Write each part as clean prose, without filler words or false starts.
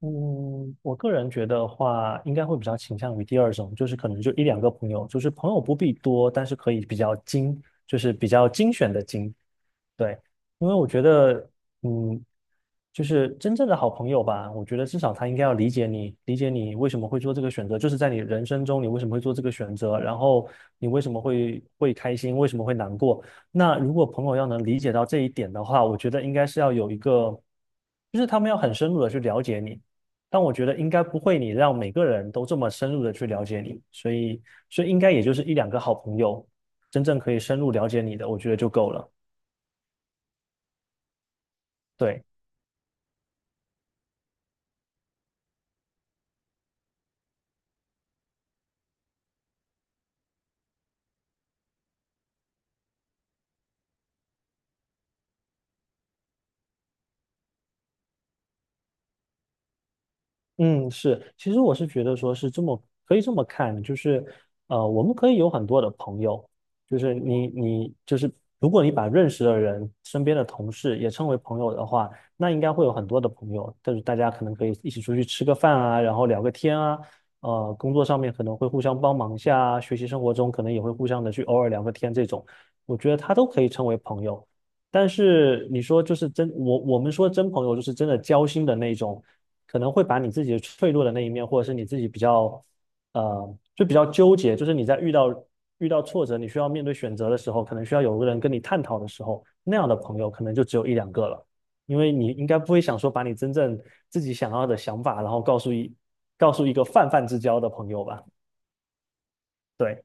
嗯，我个人觉得话，应该会比较倾向于第二种，就是可能就一两个朋友，就是朋友不必多，但是可以比较精，就是比较精选的精，对，因为我觉得，嗯，就是真正的好朋友吧，我觉得至少他应该要理解你，理解你为什么会做这个选择，就是在你人生中你为什么会做这个选择，然后你为什么会开心，为什么会难过。那如果朋友要能理解到这一点的话，我觉得应该是要有一个，就是他们要很深入的去了解你。但我觉得应该不会，你让每个人都这么深入的去了解你，所以应该也就是一两个好朋友真正可以深入了解你的，我觉得就够了。对。嗯，是，其实我是觉得说是这么可以这么看，就是我们可以有很多的朋友，就是你就是如果你把认识的人、身边的同事也称为朋友的话，那应该会有很多的朋友，但是大家可能可以一起出去吃个饭啊，然后聊个天啊，工作上面可能会互相帮忙一下啊，学习生活中可能也会互相的去偶尔聊个天这种，我觉得他都可以称为朋友。但是你说就是真，我们说真朋友就是真的交心的那种。可能会把你自己脆弱的那一面，或者是你自己比较，就比较纠结，就是你在遇到遇到挫折，你需要面对选择的时候，可能需要有个人跟你探讨的时候，那样的朋友可能就只有一两个了，因为你应该不会想说把你真正自己想要的想法，然后告诉一个泛泛之交的朋友吧？对。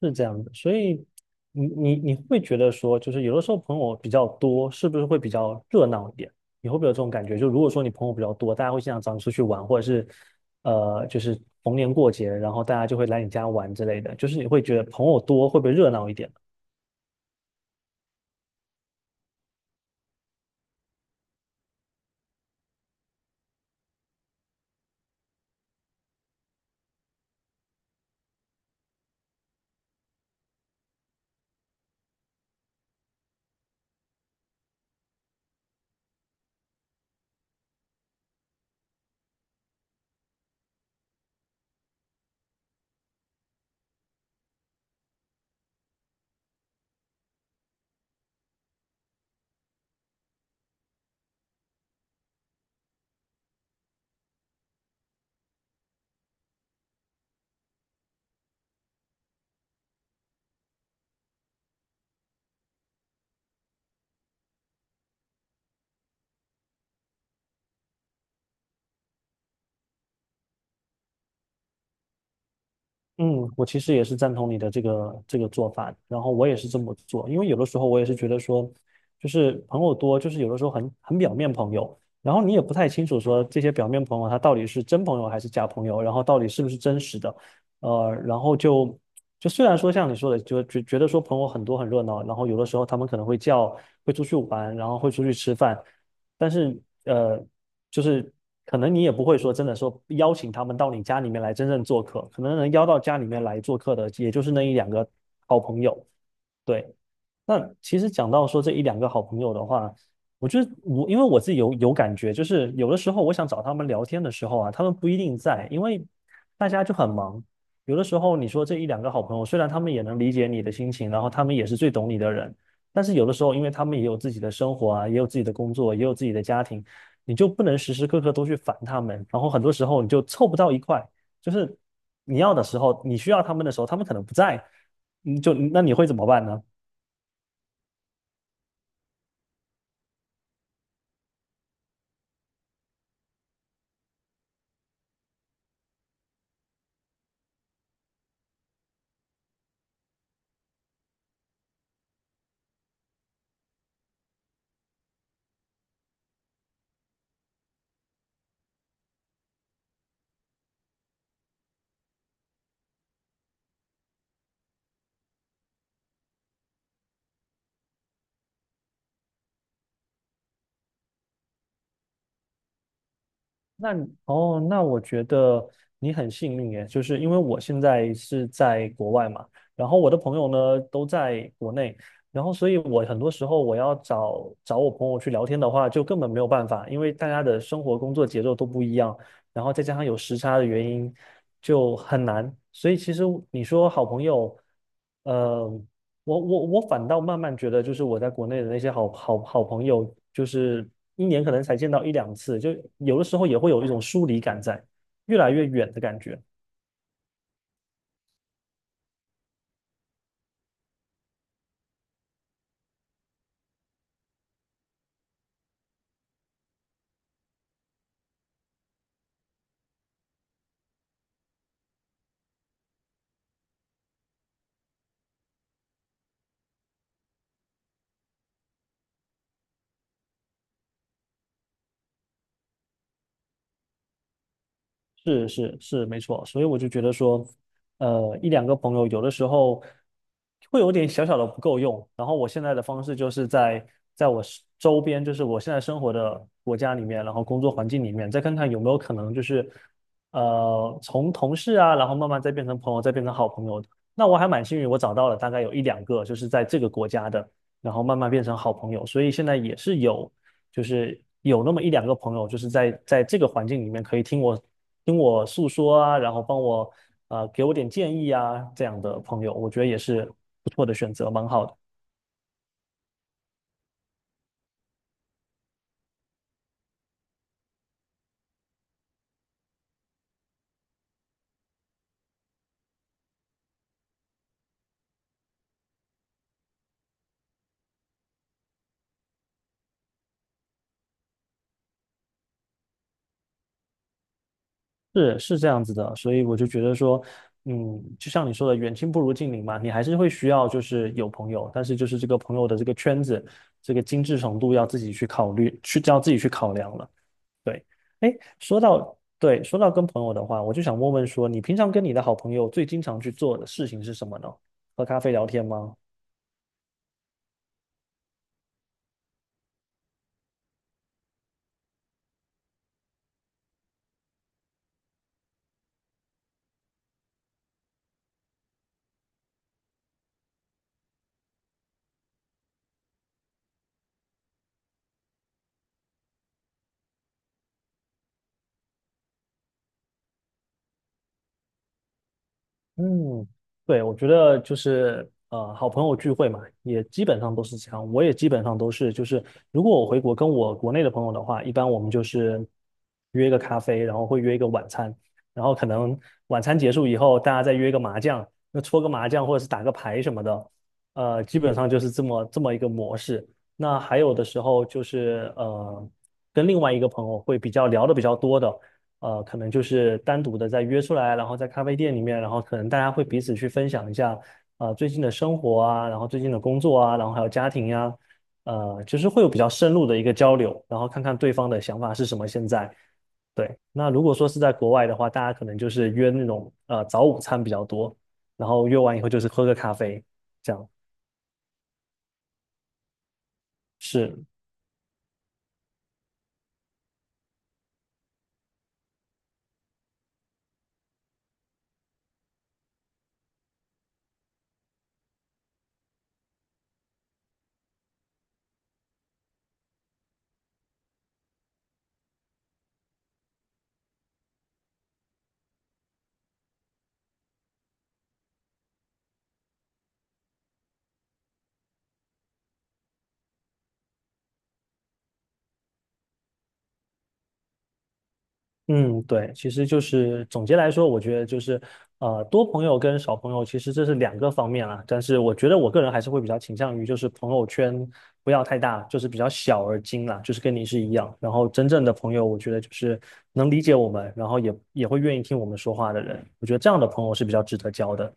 是这样的，所以你会觉得说，就是有的时候朋友比较多，是不是会比较热闹一点？你会不会有这种感觉？就如果说你朋友比较多，大家会经常找你出去玩，或者是就是逢年过节，然后大家就会来你家玩之类的，就是你会觉得朋友多会不会热闹一点？嗯，我其实也是赞同你的这个做法，然后我也是这么做，因为有的时候我也是觉得说，就是朋友多，就是有的时候很表面朋友，然后你也不太清楚说这些表面朋友他到底是真朋友还是假朋友，然后到底是不是真实的，然后就虽然说像你说的，就觉得说朋友很多很热闹，然后有的时候他们可能会叫，会出去玩，然后会出去吃饭，但是呃，就是可能你也不会说真的说邀请他们到你家里面来真正做客，可能能邀到家里面来做客的，也就是那一两个好朋友。对，那其实讲到说这一两个好朋友的话，我觉得我因为我自己有感觉，就是有的时候我想找他们聊天的时候啊，他们不一定在，因为大家就很忙。有的时候你说这一两个好朋友，虽然他们也能理解你的心情，然后他们也是最懂你的人，但是有的时候，因为他们也有自己的生活啊，也有自己的工作，也有自己的家庭，你就不能时时刻刻都去烦他们，然后很多时候你就凑不到一块，就是你要的时候，你需要他们的时候，他们可能不在，你就那你会怎么办呢？那我觉得你很幸运耶，就是因为我现在是在国外嘛，然后我的朋友呢都在国内，然后所以我很多时候我要找我朋友去聊天的话，就根本没有办法，因为大家的生活工作节奏都不一样，然后再加上有时差的原因，就很难。所以其实你说好朋友，呃，我反倒慢慢觉得，就是我在国内的那些好朋友，就是一年可能才见到一两次，就有的时候也会有一种疏离感在，越来越远的感觉。是是是，没错。所以我就觉得说，一两个朋友有的时候会有点小小的不够用。然后我现在的方式就是在我是周边，就是我现在生活的国家里面，然后工作环境里面，再看看有没有可能就是，从同事啊，然后慢慢再变成朋友，再变成好朋友的那我还蛮幸运，我找到了大概有一两个，就是在这个国家的，然后慢慢变成好朋友。所以现在也是有。就是有那么一两个朋友，就是在这个环境里面可以听我听我诉说啊，然后帮我给我点建议啊，这样的朋友，我觉得也是不错的选择，蛮好的。是是这样子的，所以我就觉得说，嗯，就像你说的，远亲不如近邻嘛，你还是会需要就是有朋友，但是就是这个朋友的这个圈子，这个精致程度要自己去考虑，要自己去考量了。对，哎，说到跟朋友的话，我就想问问说，你平常跟你的好朋友最经常去做的事情是什么呢？喝咖啡聊天吗？嗯，对，我觉得就是好朋友聚会嘛，也基本上都是这样。我也基本上都是，就是如果我回国跟我国内的朋友的话，一般我们就是约一个咖啡，然后会约一个晚餐，然后可能晚餐结束以后，大家再约一个麻将，那搓个麻将或者是打个牌什么的，基本上就是这么一个模式。那还有的时候就是跟另外一个朋友会比较聊的比较多的。可能就是单独的再约出来，然后在咖啡店里面，然后可能大家会彼此去分享一下啊，最近的生活啊，然后最近的工作啊，然后还有家庭呀、就是会有比较深入的一个交流，然后看看对方的想法是什么现在。对，那如果说是在国外的话，大家可能就是约那种早午餐比较多，然后约完以后就是喝个咖啡，这样是。嗯，对，其实就是总结来说，我觉得就是，多朋友跟少朋友，其实这是两个方面啦。但是我觉得我个人还是会比较倾向于，就是朋友圈不要太大，就是比较小而精啦，就是跟你是一样。然后真正的朋友，我觉得就是能理解我们，然后也会愿意听我们说话的人。我觉得这样的朋友是比较值得交的。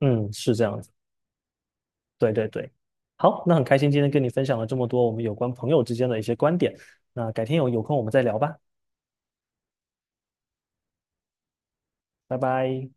嗯，是这样子。对对对。好，那很开心今天跟你分享了这么多我们有关朋友之间的一些观点。那改天有空我们再聊吧，拜拜。